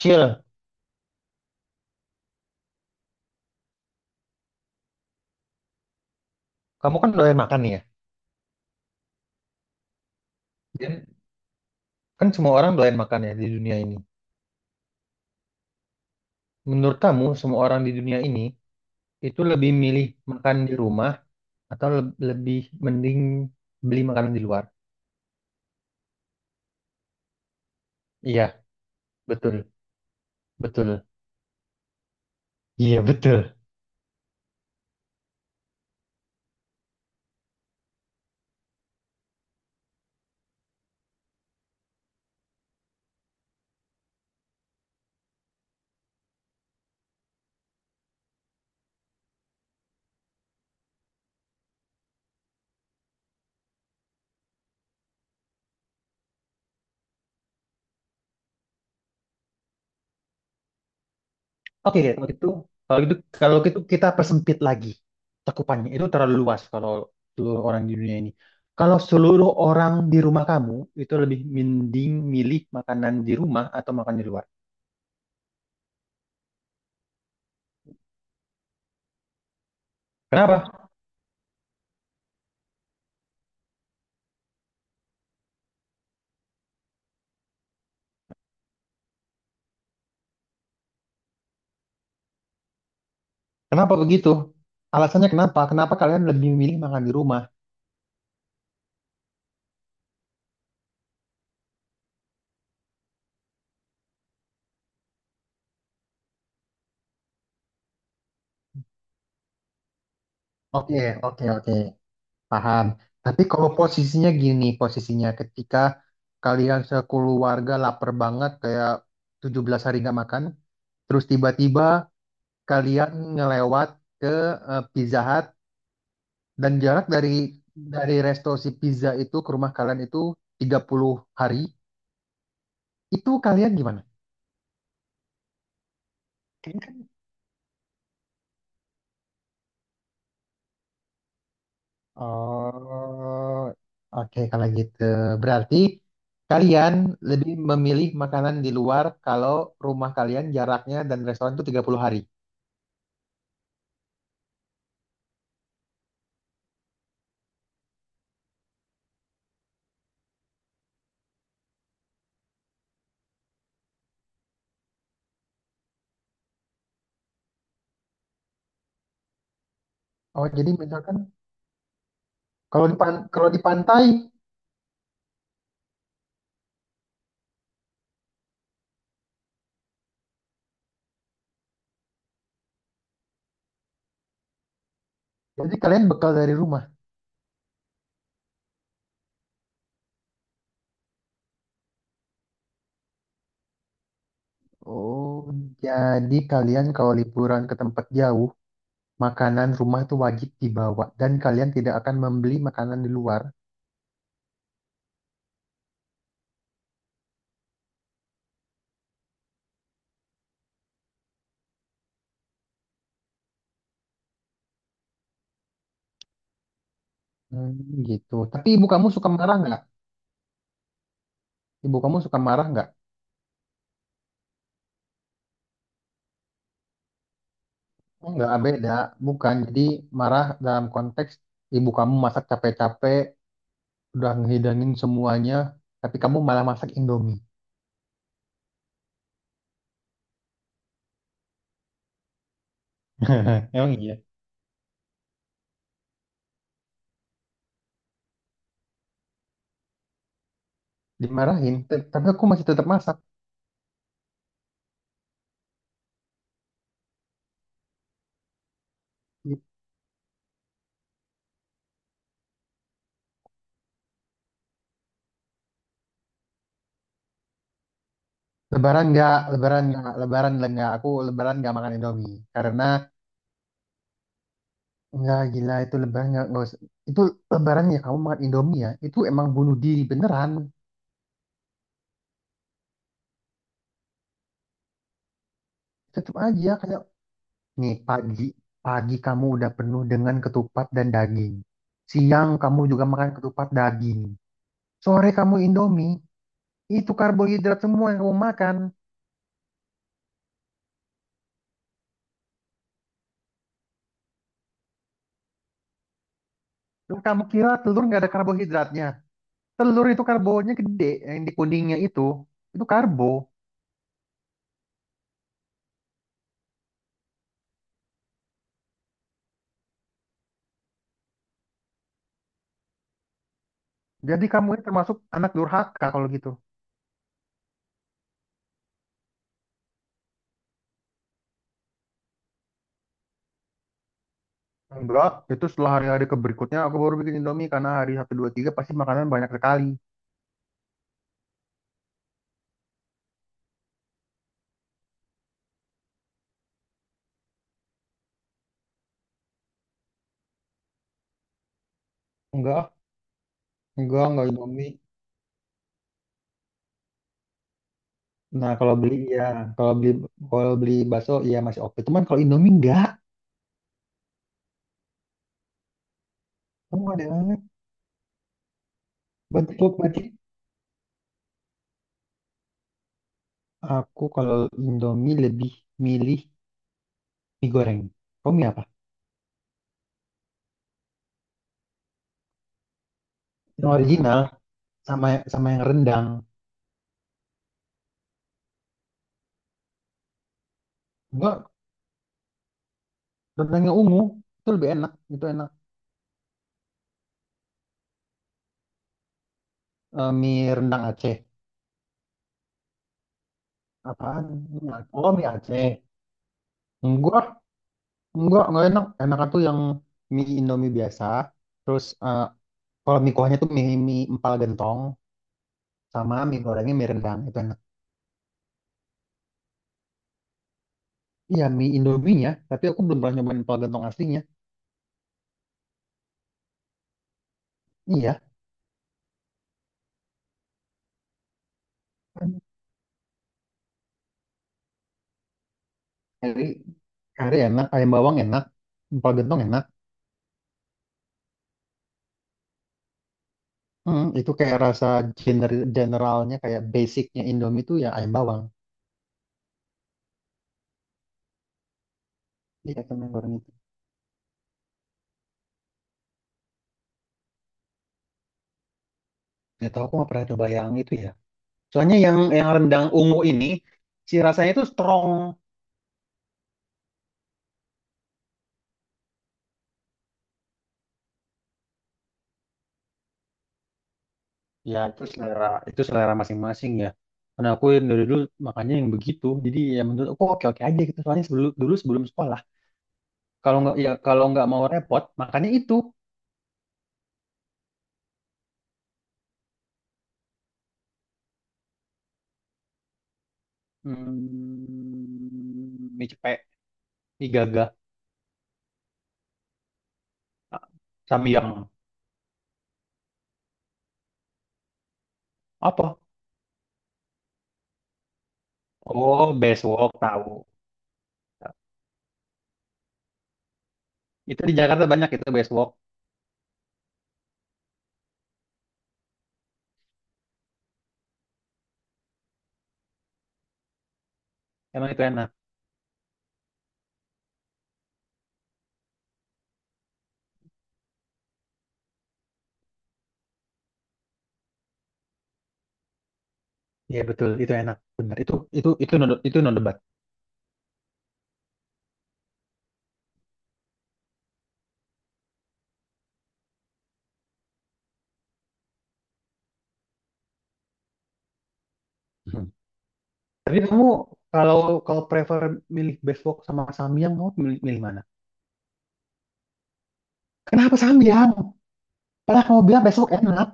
Cil, kamu kan doyan makan nih ya. Dan kan semua orang doyan makan ya di dunia ini. Menurut kamu, semua orang di dunia ini itu lebih milih makan di rumah atau lebih mending beli makanan di luar? Iya, betul, betul. Iya, betul. Oke, kalau gitu, kalau gitu, kalau gitu kita persempit lagi cakupannya. Itu terlalu luas kalau seluruh orang di dunia ini. Kalau seluruh orang di rumah kamu itu lebih mending milih makanan di rumah atau makan di luar. Kenapa? Kenapa begitu? Alasannya kenapa? Kenapa kalian lebih memilih makan di rumah? Oke, oke, oke, paham. Tapi kalau posisinya gini, posisinya ketika kalian sekeluarga lapar banget kayak 17 hari nggak makan, terus tiba-tiba kalian ngelewat ke Pizza Hut dan jarak dari resto si pizza itu ke rumah kalian itu 30 hari, itu kalian gimana? Oh, oke kalau gitu. Berarti kalian lebih memilih makanan di luar kalau rumah kalian jaraknya dan restoran itu 30 hari. Oh, jadi misalkan kalau kalau di pantai, jadi kalian bekal dari rumah. Oh, jadi kalian kalau liburan ke tempat jauh, makanan rumah itu wajib dibawa dan kalian tidak akan membeli makanan di luar. Hmm, gitu. Tapi ibu kamu suka marah nggak? Ibu kamu suka marah nggak? Enggak, beda. Bukan. Jadi marah dalam konteks ibu kamu masak capek-capek, udah ngehidangin semuanya, tapi kamu malah masak Indomie. Emang iya? Dimarahin, tapi aku masih tetap masak. Lebaran nggak, lebaran nggak, lebaran nggak. Aku lebaran nggak makan Indomie. Karena nggak gila itu lebaran nggak usah. Itu lebaran ya kamu makan Indomie ya. Itu emang bunuh diri beneran. Tetap aja, kayak Nih pagi, pagi kamu udah penuh dengan ketupat dan daging. Siang kamu juga makan ketupat daging. Sore kamu Indomie, itu karbohidrat semua yang kamu makan. Dan kamu kira telur nggak ada karbohidratnya? Telur itu karbonya gede, yang di kuningnya itu karbo. Jadi kamu ini termasuk anak durhaka kalau gitu. Enggak, itu setelah hari-hari ke berikutnya aku baru bikin Indomie karena hari satu 2 3 pasti makanan banyak sekali. Enggak, enggak Indomie. Nah, kalau beli ya, kalau beli kalau beli bakso ya masih oke. Cuman kalau Indomie enggak. Kamu ada banget. Berarti, berarti aku kalau Indomie lebih milih mie goreng. Kamu mie apa? Yang original sama sama yang rendang. Enggak, rendangnya ungu. Itu lebih enak. Itu enak. Eh, mie rendang Aceh. Apaan? Mie Aceh. Oh, mie Aceh. Enggak, enggak enak. Enak tuh yang mie Indomie biasa. Terus kalau mie kuahnya tuh mie, empal gentong sama mie gorengnya mie rendang. Itu enak. Iya, mie Indominya, tapi aku belum pernah nyobain empal gentong aslinya. Iya, kari, kari enak, ayam bawang enak, empal gentong enak. Hmm, itu kayak rasa generalnya, kayak basicnya Indomie itu ya ayam bawang. Iya, temen goreng itu. Gak tau, aku nggak pernah coba yang itu ya. Soalnya yang rendang ungu ini, si rasanya itu strong. Ya, itu selera masing-masing ya. Karena aku yang dari dulu makannya yang begitu. Jadi ya menurut aku oke-oke aja gitu. Soalnya sebelum, dulu sebelum sekolah, kalau nggak ya kalau nggak mau repot, makannya itu. Hmm, mie cepek, mie gagah, samyang. Apa? Oh, besok tahu. Itu di Jakarta banyak itu besok. Emang itu enak. Iya betul, itu enak. Benar. Itu itu no debat. Hmm. Tapi kamu kalau kalau prefer milih besok sama samyang, kamu milih, milih mana? Kenapa samyang? Padahal kamu bilang besok enak.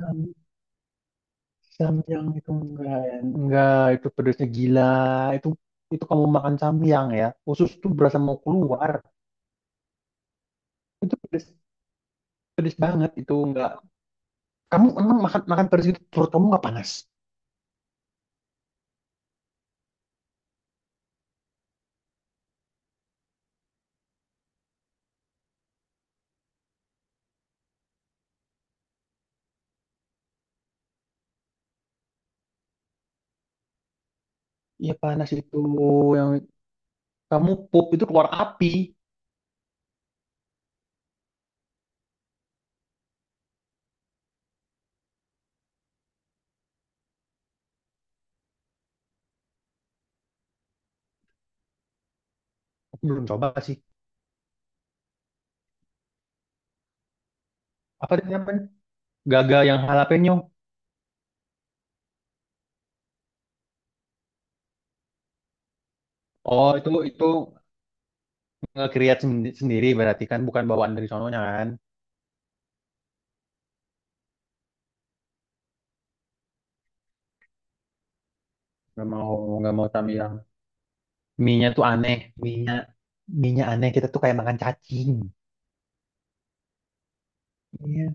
Hmm, Samyang itu enggak itu pedasnya gila. Itu kamu makan samyang ya. Usus tuh berasa mau keluar. Itu pedes, pedes banget itu enggak. Kamu emang makan makan pedes itu perut kamu nggak panas? Iya panas itu yang kamu pup itu keluar api. Aku belum coba sih. Apa itu namanya? Gaga yang jalapeno. Oh itu nge-create sendiri berarti kan bukan bawaan dari sononya kan? Nggak mau tapi yang mie-nya tuh aneh. Mie-nya mie-nya aneh. Kita tuh kayak makan cacing. Iya,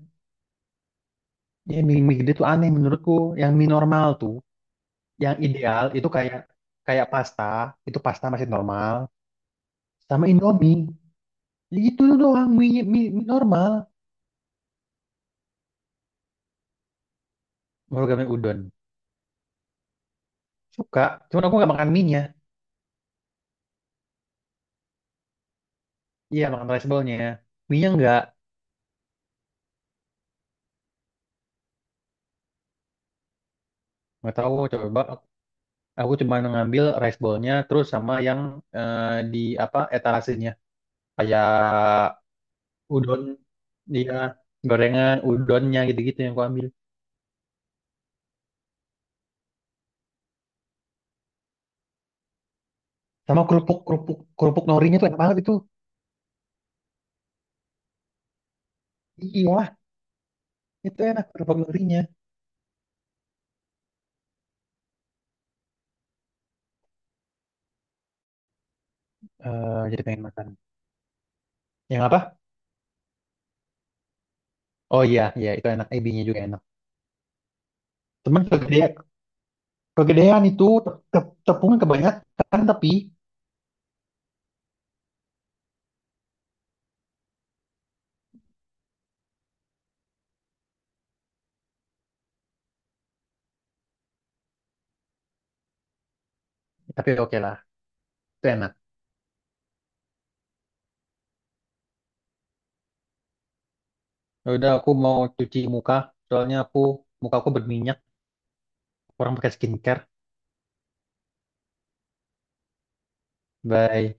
ya mie, mie gede tuh aneh menurutku. Yang mie normal tuh. Yang ideal itu kayak kayak pasta, itu pasta masih normal, sama Indomie. Itu doang mie, mie, mie normal. Baru kami udon. Suka, cuman aku nggak makan mie-nya. Iya, makan rice bowl-nya. Mie-nya nggak. Nggak tahu, coba aku cuma ngambil rice bowl-nya terus sama yang eh, di apa etalasenya. Kayak udon, iya, gorengan, udonnya gitu-gitu yang aku ambil. Sama kerupuk, kerupuk norinya tuh enak banget itu. Iya, itu enak kerupuk norinya. Eh, jadi pengen makan. Yang apa? Oh iya, iya itu enak. Ebinya juga enak. Cuman kegedean, kegedean itu tepungnya kebanyakan kan, tapi oke lah, itu enak. Ya Udah aku mau cuci muka, soalnya aku muka aku berminyak. Kurang pakai skincare. Bye.